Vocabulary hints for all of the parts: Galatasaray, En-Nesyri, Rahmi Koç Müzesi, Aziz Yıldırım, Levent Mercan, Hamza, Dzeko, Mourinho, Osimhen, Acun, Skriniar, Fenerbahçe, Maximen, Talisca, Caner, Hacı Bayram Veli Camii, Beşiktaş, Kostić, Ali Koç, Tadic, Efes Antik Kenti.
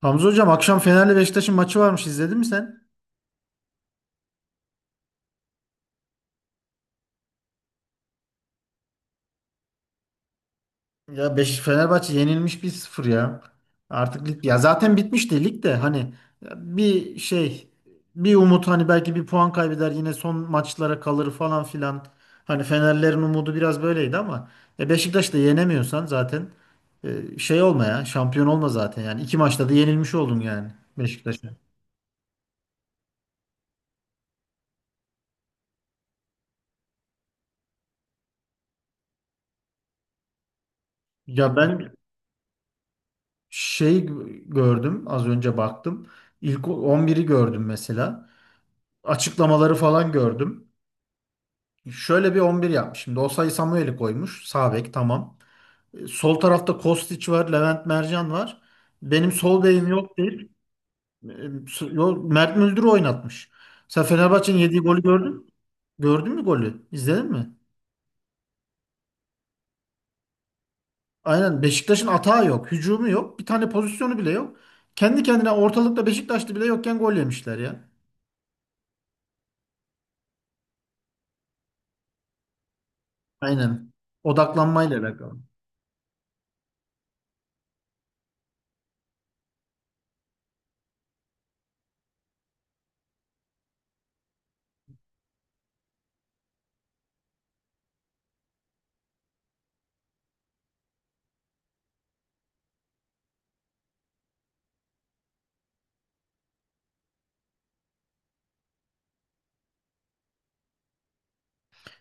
Hamza hocam akşam Fener'le Beşiktaş'ın maçı varmış, izledin mi sen? Ya, Fenerbahçe yenilmiş 1-0 ya. Artık lig, ya zaten bitmişti lig de hani, ya, bir şey, bir umut, hani belki bir puan kaybeder, yine son maçlara kalır falan filan. Hani Fenerlerin umudu biraz böyleydi ama Beşiktaş'ı da yenemiyorsan zaten, olma ya, şampiyon olma zaten, yani iki maçta da yenilmiş oldun yani. Beşiktaş'a. Ya ben şey gördüm, az önce baktım. İlk 11'i gördüm mesela. Açıklamaları falan gördüm. Şöyle bir 11 yapmış. Şimdi Osayi Samuel'i koymuş. Sağ bek tamam. Sol tarafta Kostić var, Levent Mercan var. Benim sol bekim yok deyip e, Mert Müldür'ü oynatmış. Sen Fenerbahçe'nin yediği golü gördün mü? Gördün mü golü? İzledin mi? Aynen, Beşiktaş'ın atağı yok, hücumu yok, bir tane pozisyonu bile yok. Kendi kendine ortalıkta Beşiktaşlı bile yokken gol yemişler ya. Aynen. Odaklanmayla alakalı.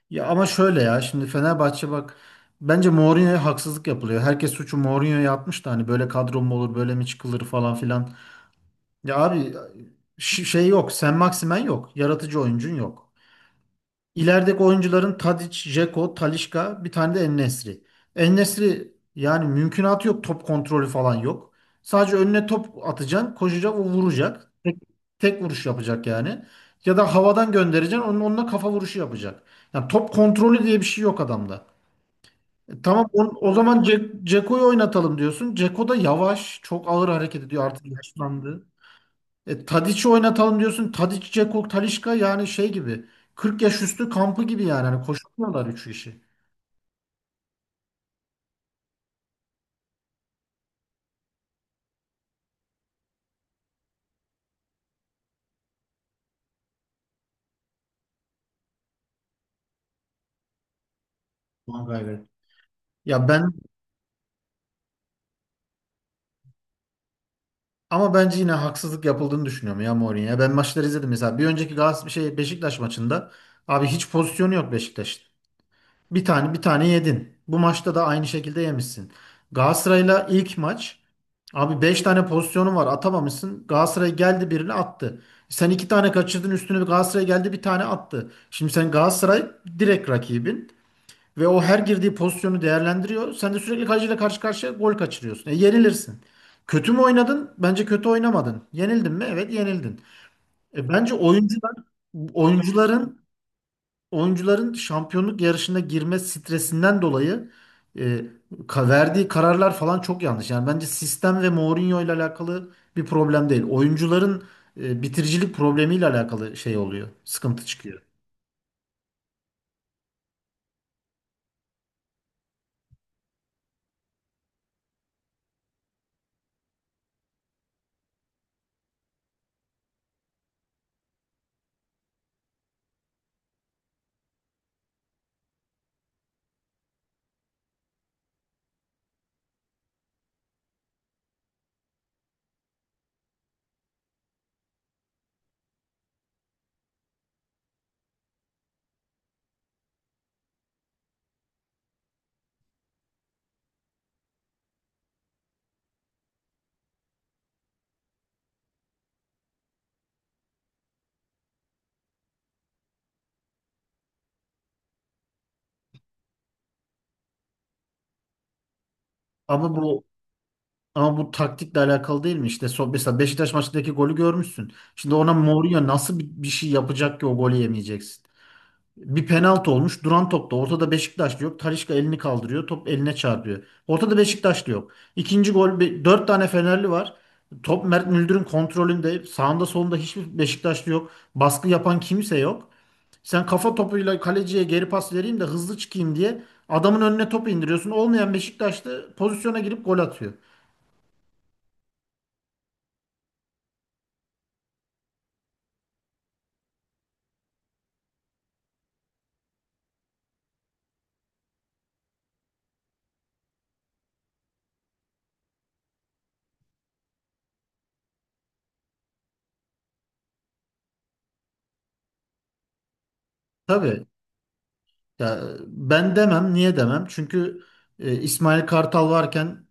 Ya ama şöyle ya, şimdi Fenerbahçe bak, bence Mourinho'ya haksızlık yapılıyor. Herkes suçu Mourinho'ya yapmış da, hani böyle kadro mu olur, böyle mi çıkılır falan filan. Ya abi, şey yok, Sen Maximen yok. Yaratıcı oyuncun yok. İlerideki oyuncuların Tadic, Dzeko, Talisca, bir tane de En-Nesyri. En-Nesyri yani mümkünatı yok, top kontrolü falan yok. Sadece önüne top atacaksın, koşacak, o vuracak. Tek vuruş yapacak yani. Ya da havadan göndereceksin, onunla kafa vuruşu yapacak. Yani top kontrolü diye bir şey yok adamda. Tamam, o zaman Ceko'yu oynatalım diyorsun. Ceko da yavaş, çok ağır hareket ediyor, artık yaşlandı. Tadic'i oynatalım diyorsun. Tadic, Ceko, Talisca, yani şey gibi. 40 yaş üstü kampı gibi yani. Hani koşamıyorlar üç kişi. Mangayver. Ya ama bence yine haksızlık yapıldığını düşünüyorum ya Mourinho'ya. Ben maçları izledim mesela. Bir önceki Galatasaray Beşiktaş maçında, abi hiç pozisyonu yok Beşiktaş. Bir tane, bir tane yedin. Bu maçta da aynı şekilde yemişsin. Galatasaray'la ilk maç, abi 5 tane pozisyonun var, atamamışsın. Galatasaray geldi, birini attı. Sen 2 tane kaçırdın, üstüne bir Galatasaray geldi, bir tane attı. Şimdi sen Galatasaray direkt rakibin ve o her girdiği pozisyonu değerlendiriyor. Sen de sürekli kaleciyle karşı karşıya gol kaçırıyorsun. E yenilirsin. Kötü mü oynadın? Bence kötü oynamadın. Yenildin mi? Evet, yenildin. E bence oyuncular, oyuncuların oyuncuların şampiyonluk yarışına girme stresinden dolayı, e, verdiği kararlar falan çok yanlış. Yani bence sistem ve Mourinho ile alakalı bir problem değil. Oyuncuların bitiricilik problemiyle alakalı şey oluyor. Sıkıntı çıkıyor. Ama bu ama bu taktikle alakalı değil mi? İşte, mesela Beşiktaş maçındaki golü görmüşsün. Şimdi ona Mourinho nasıl bir şey yapacak ki o golü yemeyeceksin? Bir penaltı olmuş. Duran topta. Ortada Beşiktaşlı yok. Talisca elini kaldırıyor. Top eline çarpıyor. Ortada Beşiktaşlı yok. İkinci gol. Dört tane Fenerli var. Top Mert Müldür'ün kontrolünde. Sağında solunda hiçbir Beşiktaşlı yok. Baskı yapan kimse yok. Sen kafa topuyla kaleciye geri pas vereyim de hızlı çıkayım diye adamın önüne topu indiriyorsun. Olmayan Beşiktaşlı pozisyona girip gol atıyor. Tabii. Ya ben demem. Niye demem? Çünkü İsmail Kartal varken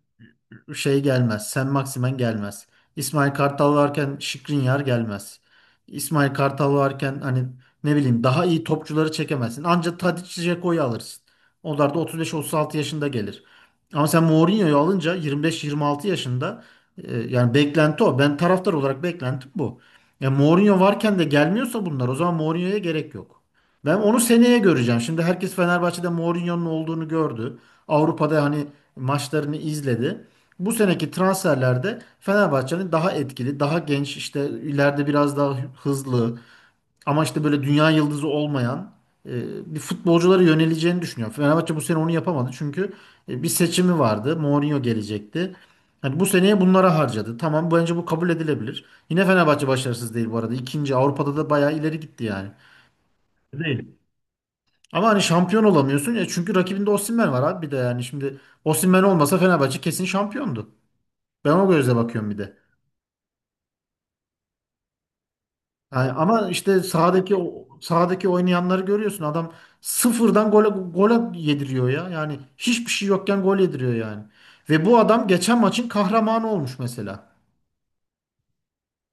şey gelmez. Sen Maximen gelmez. İsmail Kartal varken Skriniar gelmez. İsmail Kartal varken hani, ne bileyim, daha iyi topçuları çekemezsin. Ancak Tadic, Dzeko'yu alırsın. Onlar da 35-36 yaşında gelir. Ama sen Mourinho'yu alınca 25-26 yaşında, yani beklenti o. Ben taraftar olarak beklentim bu. Ya Mourinho varken de gelmiyorsa bunlar, o zaman Mourinho'ya gerek yok. Ben onu seneye göreceğim. Şimdi herkes Fenerbahçe'de Mourinho'nun olduğunu gördü. Avrupa'da hani maçlarını izledi, bu seneki transferlerde Fenerbahçe'nin daha etkili, daha genç, işte ileride biraz daha hızlı, ama işte böyle dünya yıldızı olmayan, bir futbolculara yöneleceğini düşünüyorum. Fenerbahçe bu sene onu yapamadı çünkü bir seçimi vardı. Mourinho gelecekti. Hani bu seneye bunlara harcadı. Tamam, bence bu kabul edilebilir. Yine Fenerbahçe başarısız değil bu arada. İkinci, Avrupa'da da bayağı ileri gitti yani. Değil. Ama hani şampiyon olamıyorsun ya, çünkü rakibinde Osimhen var abi, bir de yani, şimdi Osimhen olmasa Fenerbahçe kesin şampiyondu. Ben o gözle bakıyorum bir de. Yani ama işte sahadaki oynayanları görüyorsun. Adam sıfırdan gole gole yediriyor ya. Yani hiçbir şey yokken gol yediriyor yani. Ve bu adam geçen maçın kahramanı olmuş mesela.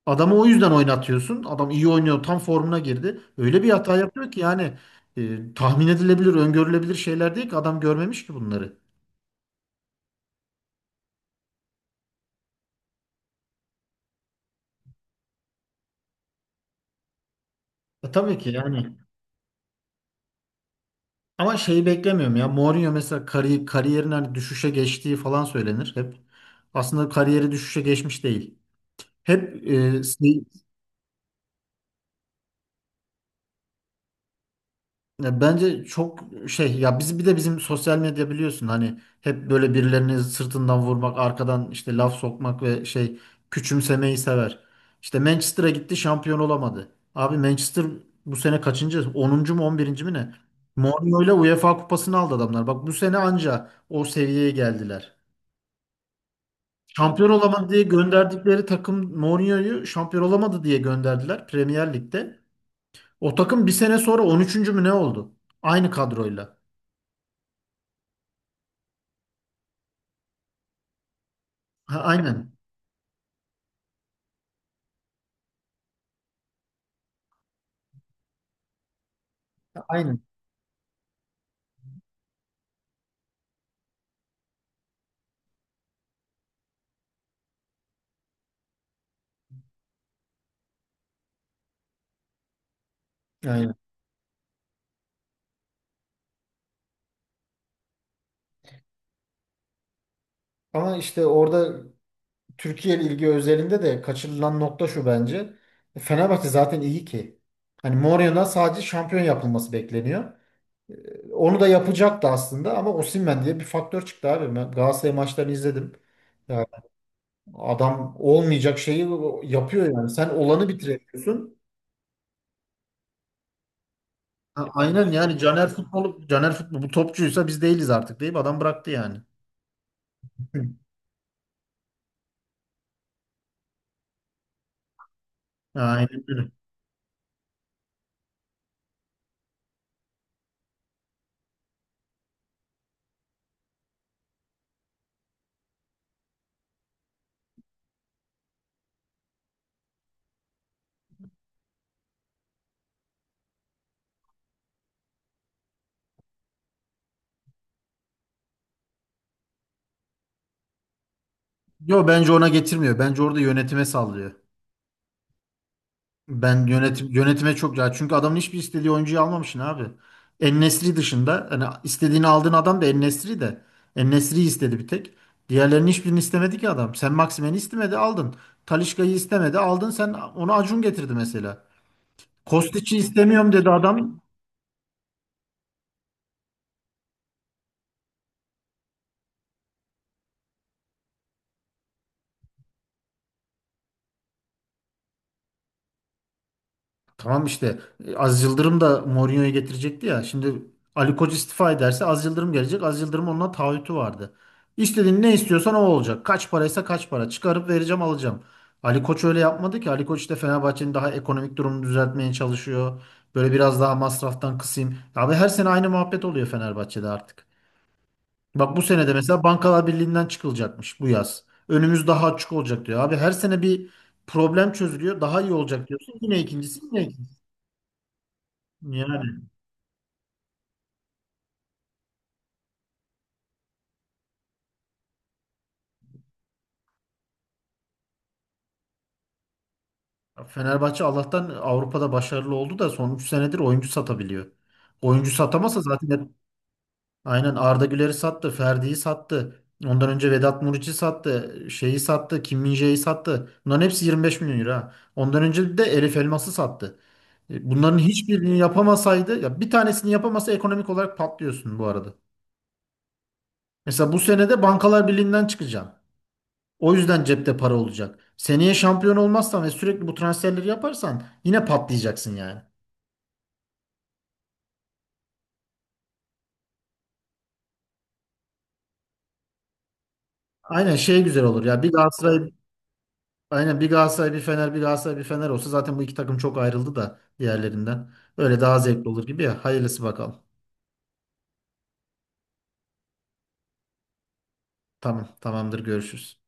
Adamı o yüzden oynatıyorsun. Adam iyi oynuyor, tam formuna girdi. Öyle bir hata yapıyor ki yani, tahmin edilebilir, öngörülebilir şeyler değil ki, adam görmemiş ki bunları. Tabii ki yani. Ama şeyi beklemiyorum ya. Mourinho mesela kariyerin hani düşüşe geçtiği falan söylenir hep. Aslında kariyeri düşüşe geçmiş değil. Hep e, şey- Ya bence çok şey ya, biz bir de, bizim sosyal medya biliyorsun, hani hep böyle birilerini sırtından vurmak, arkadan işte laf sokmak ve küçümsemeyi sever. İşte Manchester'a gitti, şampiyon olamadı. Abi Manchester bu sene kaçıncı? 10. mu, 11. mi ne? Mourinho ile UEFA kupasını aldı adamlar. Bak, bu sene anca o seviyeye geldiler. Şampiyon olamadı diye gönderdikleri takım, Mourinho'yu şampiyon olamadı diye gönderdiler Premier Lig'de. O takım bir sene sonra 13. mü ne oldu? Aynı kadroyla. Ha, aynen. Aynen. Aynen. Ama işte orada Türkiye ilgi özelinde de kaçırılan nokta şu bence. Fenerbahçe zaten iyi ki. Hani Mourinho'dan sadece şampiyon yapılması bekleniyor. Onu da yapacaktı aslında, ama Osimhen diye bir faktör çıktı abi. Ben Galatasaray maçlarını izledim. Ya adam olmayacak şeyi yapıyor yani. Sen olanı bitiriyorsun. Ha, aynen yani. Caner, futbol bu topçuysa biz değiliz artık, deyip adam bıraktı yani. Hı. Aynen öyle. Yo, bence ona getirmiyor. Bence orada yönetime sallıyor. Ben yönetime çok ya, çünkü adamın hiçbir istediği oyuncuyu almamışsın abi. En-Nesyri dışında hani istediğini aldığın adam da En-Nesyri de. En-Nesyri'yi istedi bir tek. Diğerlerinin hiçbirini istemedi ki adam. Sen Maximen'i istemedi, aldın. Talisca'yı istemedi, aldın; sen onu Acun getirdi mesela. Kostiç'i istemiyorum dedi adam. Tamam işte, Aziz Yıldırım da Mourinho'yu getirecekti ya. Şimdi Ali Koç istifa ederse Aziz Yıldırım gelecek. Aziz Yıldırım onunla taahhütü vardı. İstediğin, ne istiyorsan o olacak. Kaç paraysa kaç para. Çıkarıp vereceğim, alacağım. Ali Koç öyle yapmadı ki. Ali Koç işte Fenerbahçe'nin daha ekonomik durumunu düzeltmeye çalışıyor. Böyle biraz daha masraftan kısayım. Abi, her sene aynı muhabbet oluyor Fenerbahçe'de artık. Bak, bu sene de mesela Bankalar Birliği'nden çıkılacakmış bu yaz. Önümüz daha açık olacak diyor. Abi her sene bir problem çözülüyor. Daha iyi olacak diyorsun. Yine ikincisi, yine ikincisi. Yani Fenerbahçe Allah'tan Avrupa'da başarılı oldu da son 3 senedir oyuncu satabiliyor. Oyuncu satamasa zaten aynen, Arda Güler'i sattı, Ferdi'yi sattı. Ondan önce Vedat Muriç'i sattı, şeyi sattı, Kim Min-jae'yi sattı. Bunların hepsi 25 milyon euro. Ha. Ondan önce de Elif Elmas'ı sattı. Bunların hiçbirini yapamasaydı, ya bir tanesini yapamasa, ekonomik olarak patlıyorsun bu arada. Mesela bu sene de Bankalar Birliği'nden çıkacaksın. O yüzden cepte para olacak. Seneye şampiyon olmazsan ve sürekli bu transferleri yaparsan yine patlayacaksın yani. Aynen, güzel olur ya. Bir Galatasaray Aynen, bir Galatasaray bir Fener, bir Galatasaray bir Fener olsa, zaten bu iki takım çok ayrıldı da diğerlerinden. Öyle daha zevkli olur gibi ya. Hayırlısı bakalım. Tamam, tamamdır, görüşürüz.